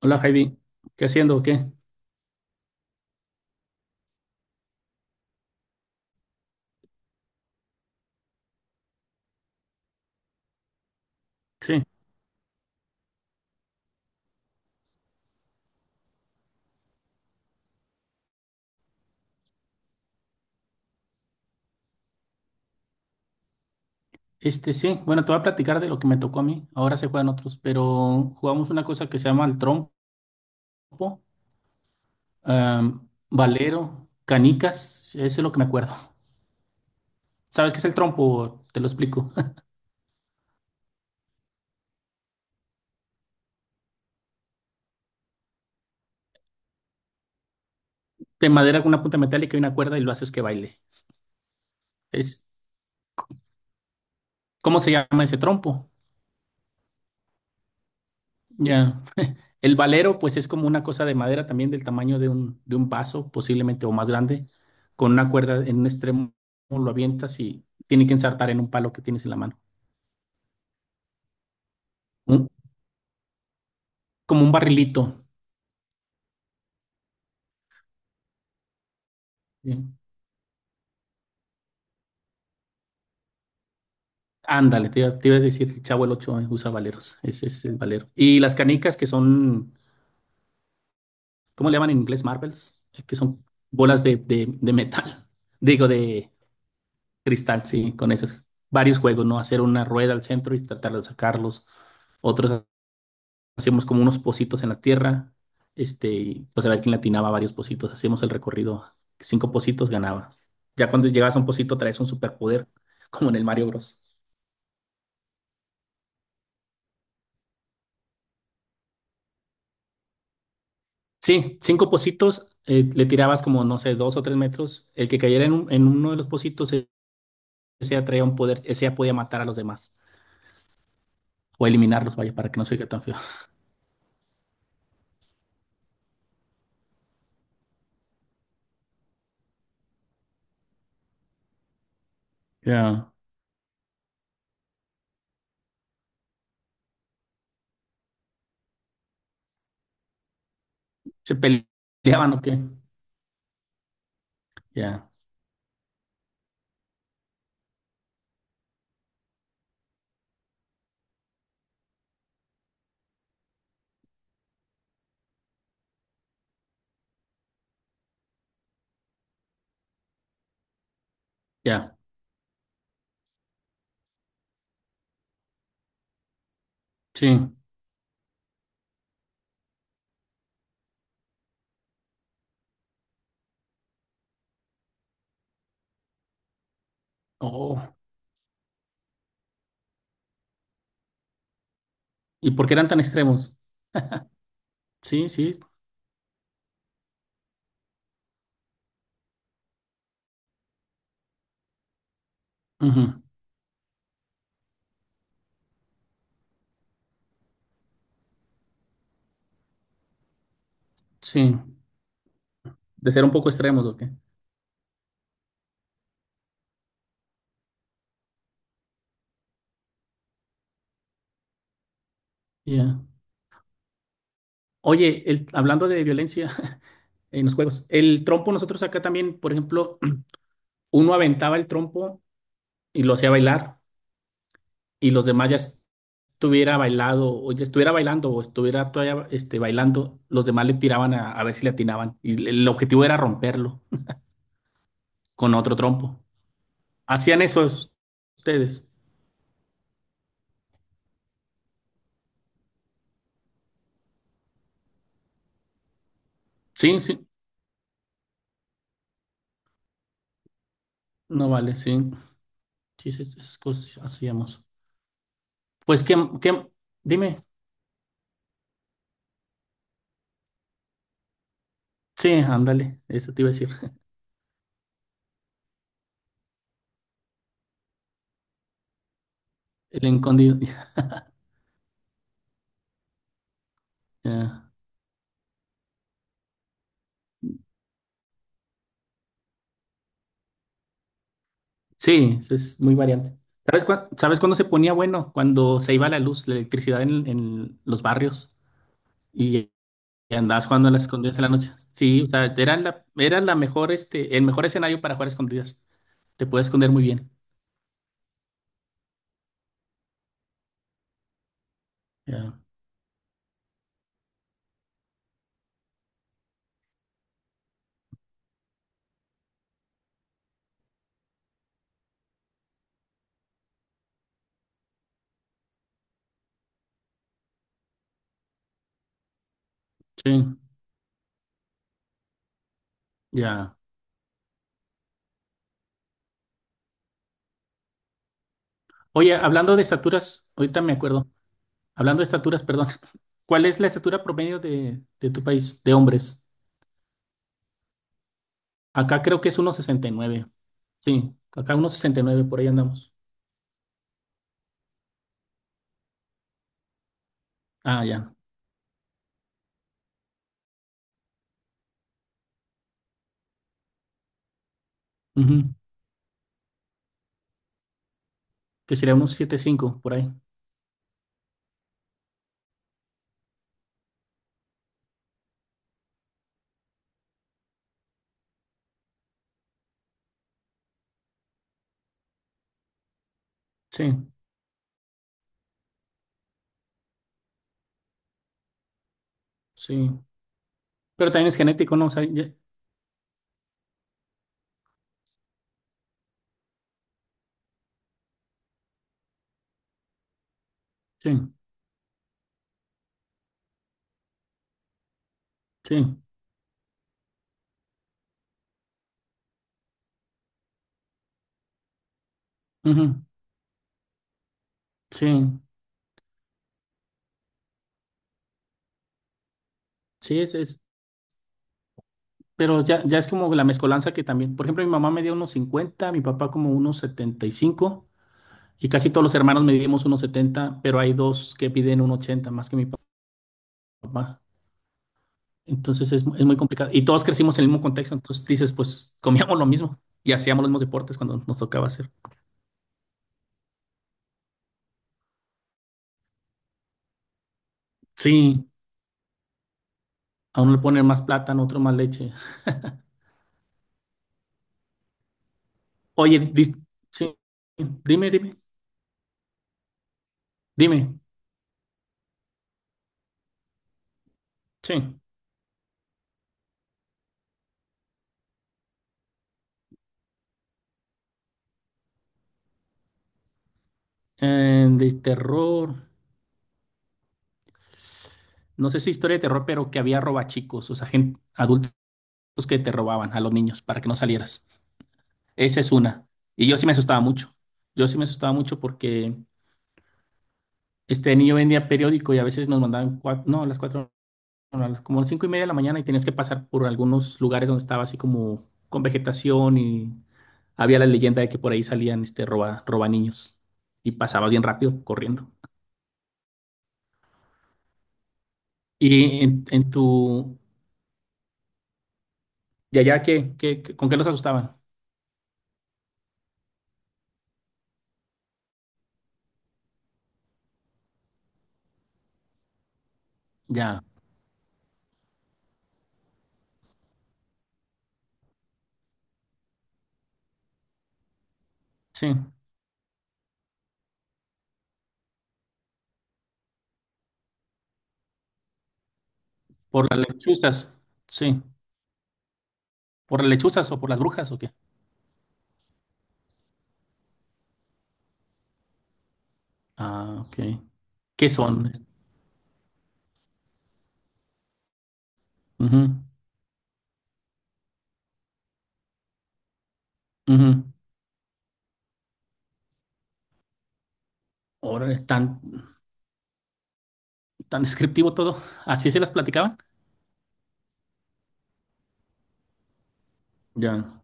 Hola Heidi, ¿qué haciendo o qué? Sí, este sí, bueno, te voy a platicar de lo que me tocó a mí, ahora se juegan otros, pero jugamos una cosa que se llama el trompo, valero, canicas, eso es lo que me acuerdo. ¿Sabes qué es el trompo? Te lo explico. De madera con una punta metálica y una cuerda y lo haces que baile. Es, ¿cómo se llama ese trompo? Ya. El valero, pues es como una cosa de madera también del tamaño de un vaso, posiblemente o más grande, con una cuerda en un extremo, lo avientas y tiene que ensartar en un palo que tienes en la mano. Un- como un barrilito. ¿Sí? Ándale, te iba a decir, el Chavo el ocho usa valeros, ese es el valero. Y las canicas que son, ¿cómo le llaman en inglés? Marbles, que son bolas de metal, digo, de cristal, sí, con esos varios juegos, ¿no? Hacer una rueda al centro y tratar de sacarlos, otros hacíamos como unos pocitos en la tierra, y, pues a ver quién latinaba varios pocitos, hacíamos el recorrido, cinco pocitos ganaba. Ya cuando llegabas a un pocito traes un superpoder, como en el Mario Bros. Sí, cinco pocitos, le tirabas como, no sé, 2 o 3 metros, el que cayera en, en uno de los pocitos, ese ya traía un poder, ese ya podía matar a los demás, o eliminarlos, vaya, para que no se oiga tan feo. Ya. ¿Se peleaban o qué? Ya, ya, sí. Oh, ¿y por qué eran tan extremos? Sí, sí, ujú, sí. De ser un poco extremos, ¿o qué? Ya. Oye, hablando de violencia en los juegos, el trompo nosotros acá también, por ejemplo, uno aventaba el trompo y lo hacía bailar y los demás ya estuviera bailado o ya estuviera bailando o estuviera todavía bailando, los demás le tiraban a ver si le atinaban y el objetivo era romperlo con otro trompo. ¿Hacían eso ustedes? Sí, sí, no vale, sí. Sí, sí, esas cosas hacíamos. Pues que, dime, sí, ándale, eso te iba a decir. El encondido. Ya. Sí, eso es muy variante. ¿Sabes cuándo se ponía bueno? Cuando se iba la luz, la electricidad en los barrios y, y andabas jugando a las escondidas en la noche. Sí, o sea, era la mejor, el mejor escenario para jugar a escondidas. Te puedes esconder muy bien. Ya. Sí, ya. Oye, hablando de estaturas, ahorita me acuerdo. Hablando de estaturas, perdón. ¿Cuál es la estatura promedio de tu país de hombres? Acá creo que es 1.69. Sí, acá 1.69 por ahí andamos. Ah, ya. Ujú. Que sería unos siete cinco por ahí. Sí, sí. Pero también es genético, ¿no? O sea, sí, sí. Ujú. Sí, sí, es. Pero ya, ya es como la mezcolanza que también. Por ejemplo, mi mamá me dio unos 50, mi papá como unos 75 y casi todos los hermanos medimos unos 70, pero hay dos que piden un 80 más que mi papá. Entonces es muy complicado. Y todos crecimos en el mismo contexto. Entonces dices, pues comíamos lo mismo y hacíamos los mismos deportes cuando nos tocaba hacer. Sí, a uno le ponen más plátano, otro más leche. Oye, sí, dime, dime, dime, sí. De terror, no sé si historia de terror, pero que había robachicos, o sea, gente, adultos que te robaban a los niños para que no salieras. Esa es una. Y yo sí me asustaba mucho. Yo sí me asustaba mucho porque este niño vendía periódico y a veces nos mandaban, no, a las cuatro, como 5:30 de la mañana y tenías que pasar por algunos lugares donde estaba así como con vegetación y había la leyenda de que por ahí salían este roba niños y pasabas bien rápido corriendo. ¿Y en tu de allá qué con qué los asustaban? Ya, sí, por las lechuzas, sí, por las lechuzas o por las brujas o qué. Ah, ok. ¿Qué son? Ujú, ujú. Órale, tan, tan descriptivo todo. ¿Así se las platicaban? Ya,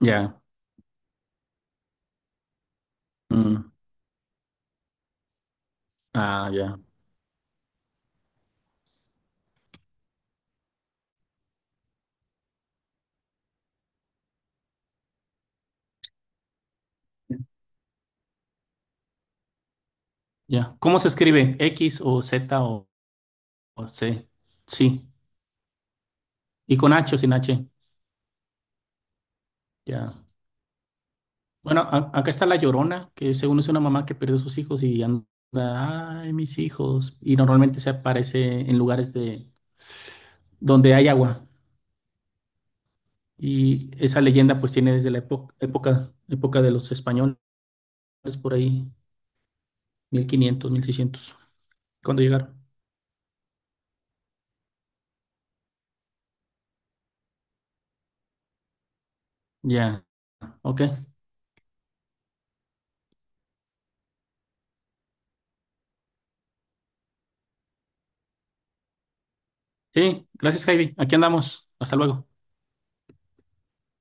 ya. Mm. Ah, ya. Ya. ¿Cómo se escribe? ¿X o Z o C? Sí. ¿Y con H o sin H? Ya. Bueno, acá está La Llorona, que según es una mamá que pierde a sus hijos y anda, ay, mis hijos. Y normalmente se aparece en lugares de donde hay agua. Y esa leyenda pues tiene desde la época, época, época de los españoles, por ahí, 1500, 1600 cuando llegaron. Ya, ok. Sí, gracias, Javi. Aquí andamos. Hasta luego.